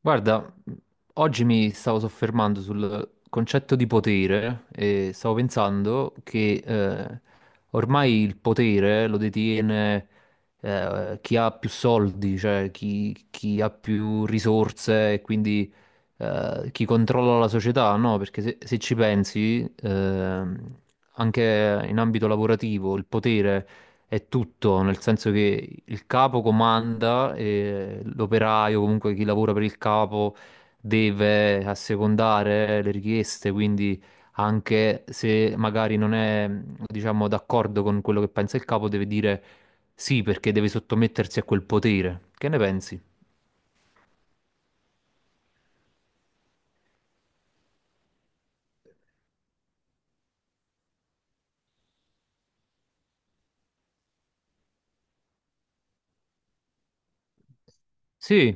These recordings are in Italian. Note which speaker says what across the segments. Speaker 1: Guarda, oggi mi stavo soffermando sul concetto di potere e stavo pensando che ormai il potere lo detiene chi ha più soldi, cioè chi ha più risorse e quindi chi controlla la società, no? Perché se ci pensi, anche in ambito lavorativo il potere è tutto, nel senso che il capo comanda e l'operaio, comunque chi lavora per il capo, deve assecondare le richieste, quindi anche se magari non è, diciamo, d'accordo con quello che pensa il capo, deve dire sì perché deve sottomettersi a quel potere. Che ne pensi? Sì,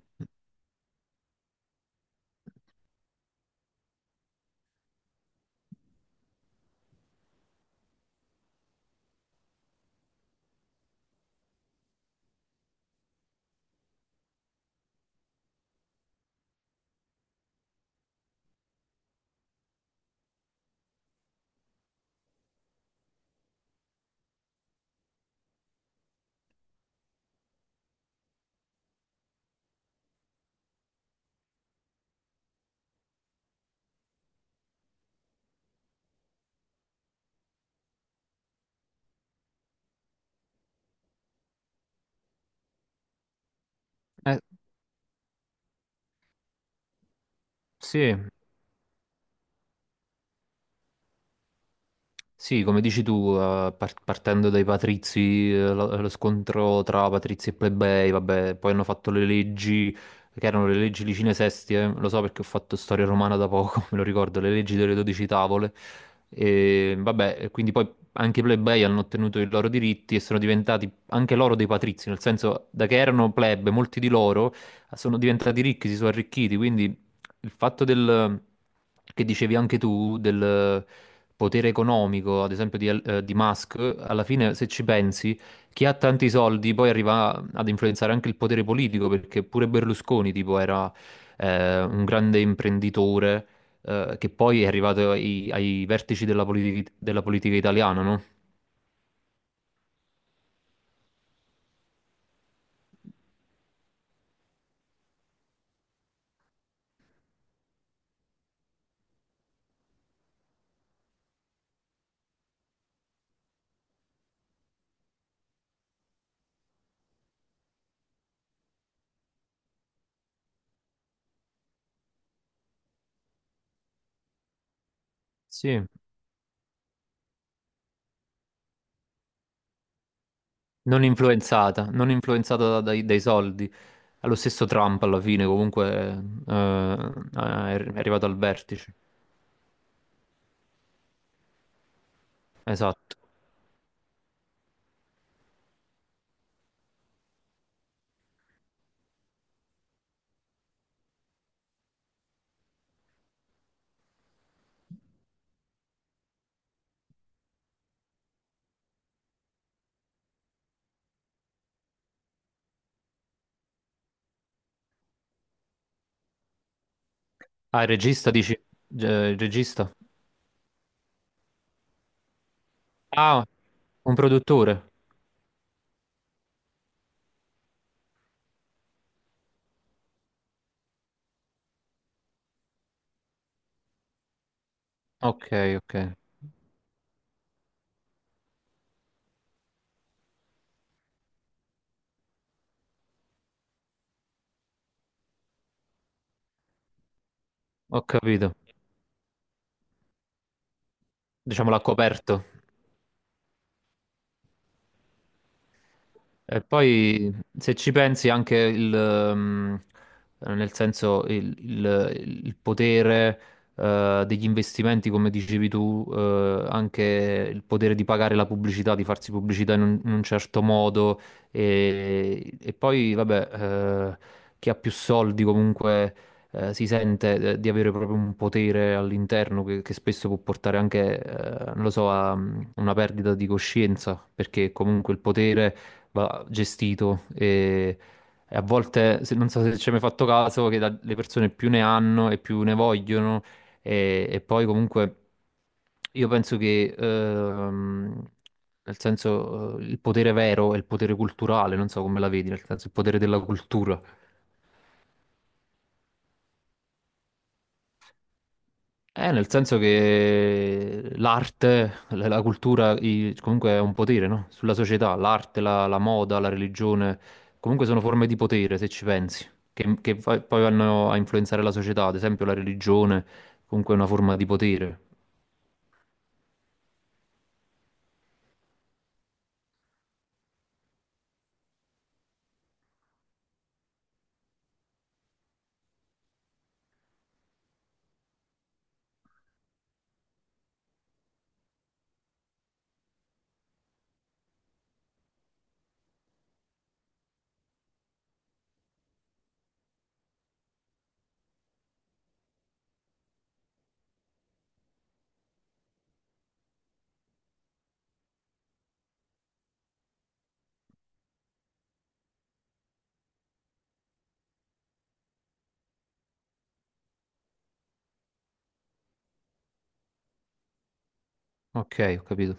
Speaker 1: eh, sì. Sì, come dici tu, partendo dai patrizi, lo scontro tra patrizi e plebei, vabbè, poi hanno fatto le leggi, che erano le leggi Licine Sestie, lo so perché ho fatto storia romana da poco, me lo ricordo, le leggi delle dodici tavole, e vabbè, e quindi poi anche i plebei hanno ottenuto i loro diritti e sono diventati anche loro dei patrizi, nel senso, da che erano plebe, molti di loro sono diventati ricchi, si sono arricchiti, quindi il fatto del, che dicevi anche tu del potere economico, ad esempio di Musk, alla fine se ci pensi, chi ha tanti soldi poi arriva ad influenzare anche il potere politico, perché pure Berlusconi tipo era un grande imprenditore che poi è arrivato ai vertici della, della politica italiana, no? Sì. Non influenzata, non influenzata dai soldi. Allo stesso Trump alla fine comunque è arrivato al vertice. Esatto. Ah, il regista dici? Il regista? Ah, un produttore. Ok, ok. Ho capito. Diciamo l'ha coperto. E poi se ci pensi anche il, nel senso il, il potere degli investimenti, come dicevi tu, anche il potere di pagare la pubblicità, di farsi pubblicità in un certo modo e poi vabbè, chi ha più soldi comunque si sente di avere proprio un potere all'interno che spesso può portare anche, non lo so, a una perdita di coscienza, perché comunque il potere va gestito e a volte, non so se ci hai mai fatto caso, che le persone più ne hanno e più ne vogliono e poi comunque io penso che, nel senso, il potere vero è il potere culturale, non so come la vedi, nel senso il potere della cultura. Nel senso che l'arte, la cultura, comunque è un potere, no? Sulla società, l'arte, la, la moda, la religione, comunque sono forme di potere, se ci pensi, che poi vanno a influenzare la società, ad esempio la religione, comunque è una forma di potere. Ok, ho capito.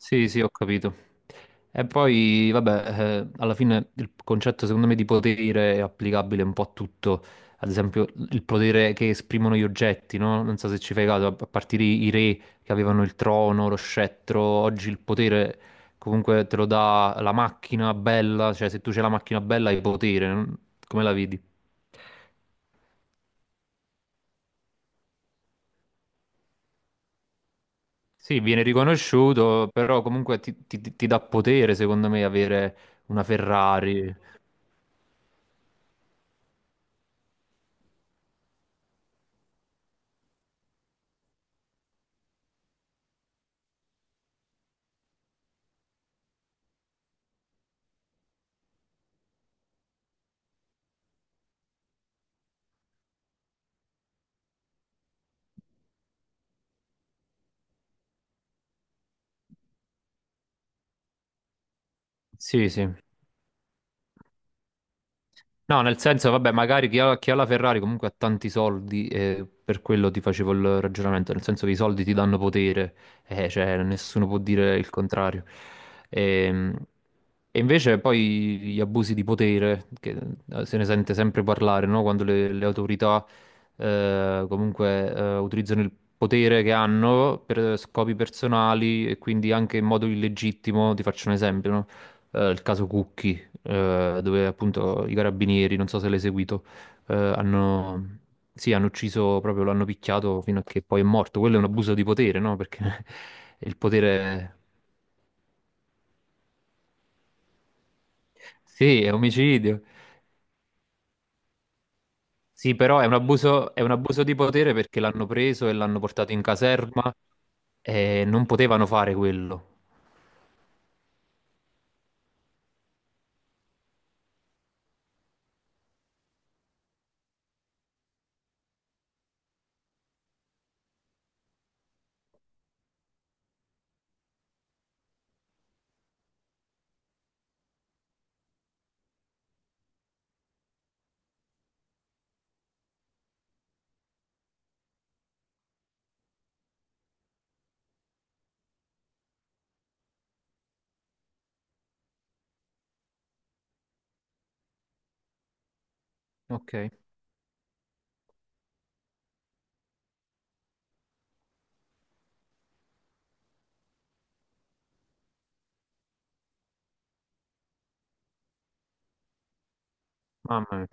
Speaker 1: Sì, sì, ho capito. E poi, vabbè, alla fine il concetto secondo me di potere è applicabile un po' a tutto. Ad esempio, il potere che esprimono gli oggetti, no? Non so se ci fai caso, a partire i re che avevano il trono, lo scettro, oggi il potere comunque te lo dà la macchina bella, cioè se tu c'hai la macchina bella hai potere, non- come la vedi? Sì, viene riconosciuto, però comunque ti dà potere, secondo me, avere una Ferrari. Sì, sì. No, nel senso, vabbè, magari chi ha la Ferrari comunque ha tanti soldi e per quello ti facevo il ragionamento, nel senso che i soldi ti danno potere, cioè nessuno può dire il contrario. Ehm, e invece poi gli abusi di potere, che se ne sente sempre parlare, no? Quando le autorità comunque utilizzano il potere che hanno per scopi personali e quindi anche in modo illegittimo, ti faccio un esempio, no? Il caso Cucchi, dove appunto i carabinieri, non so se l'hai seguito, hanno, sì, hanno ucciso proprio, lo hanno picchiato fino a che poi è morto. Quello è un abuso di potere, no? Perché il potere... Sì, è omicidio. Sì, però è un abuso di potere perché l'hanno preso e l'hanno portato in caserma e non potevano fare quello. Ok, mamma mia.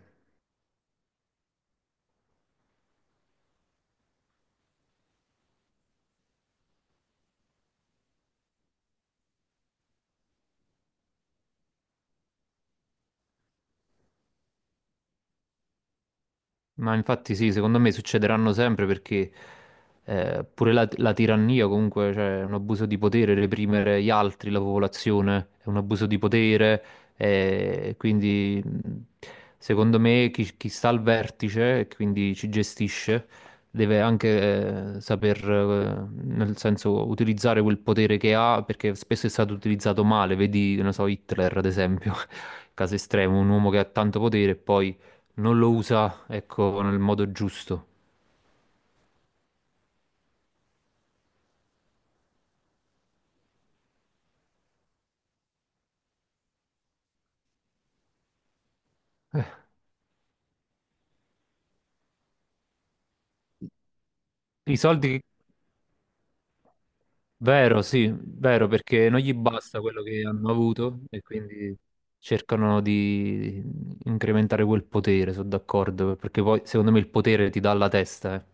Speaker 1: Ma infatti sì, secondo me succederanno sempre perché pure la, la tirannia comunque, cioè è un abuso di potere, reprimere gli altri, la popolazione, è un abuso di potere, quindi secondo me chi sta al vertice e quindi ci gestisce deve anche saper, nel senso, utilizzare quel potere che ha perché spesso è stato utilizzato male, vedi, non so, Hitler ad esempio, caso estremo, un uomo che ha tanto potere e poi non lo usa, ecco, nel modo giusto. I soldi, che- vero, sì, vero, perché non gli basta quello che hanno avuto e quindi cercano di incrementare quel potere, sono d'accordo, perché poi secondo me il potere ti dà la testa, eh.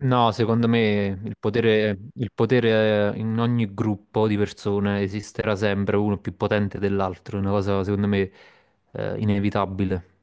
Speaker 1: No, secondo me il potere in ogni gruppo di persone esisterà sempre uno più potente dell'altro, è una cosa secondo me inevitabile.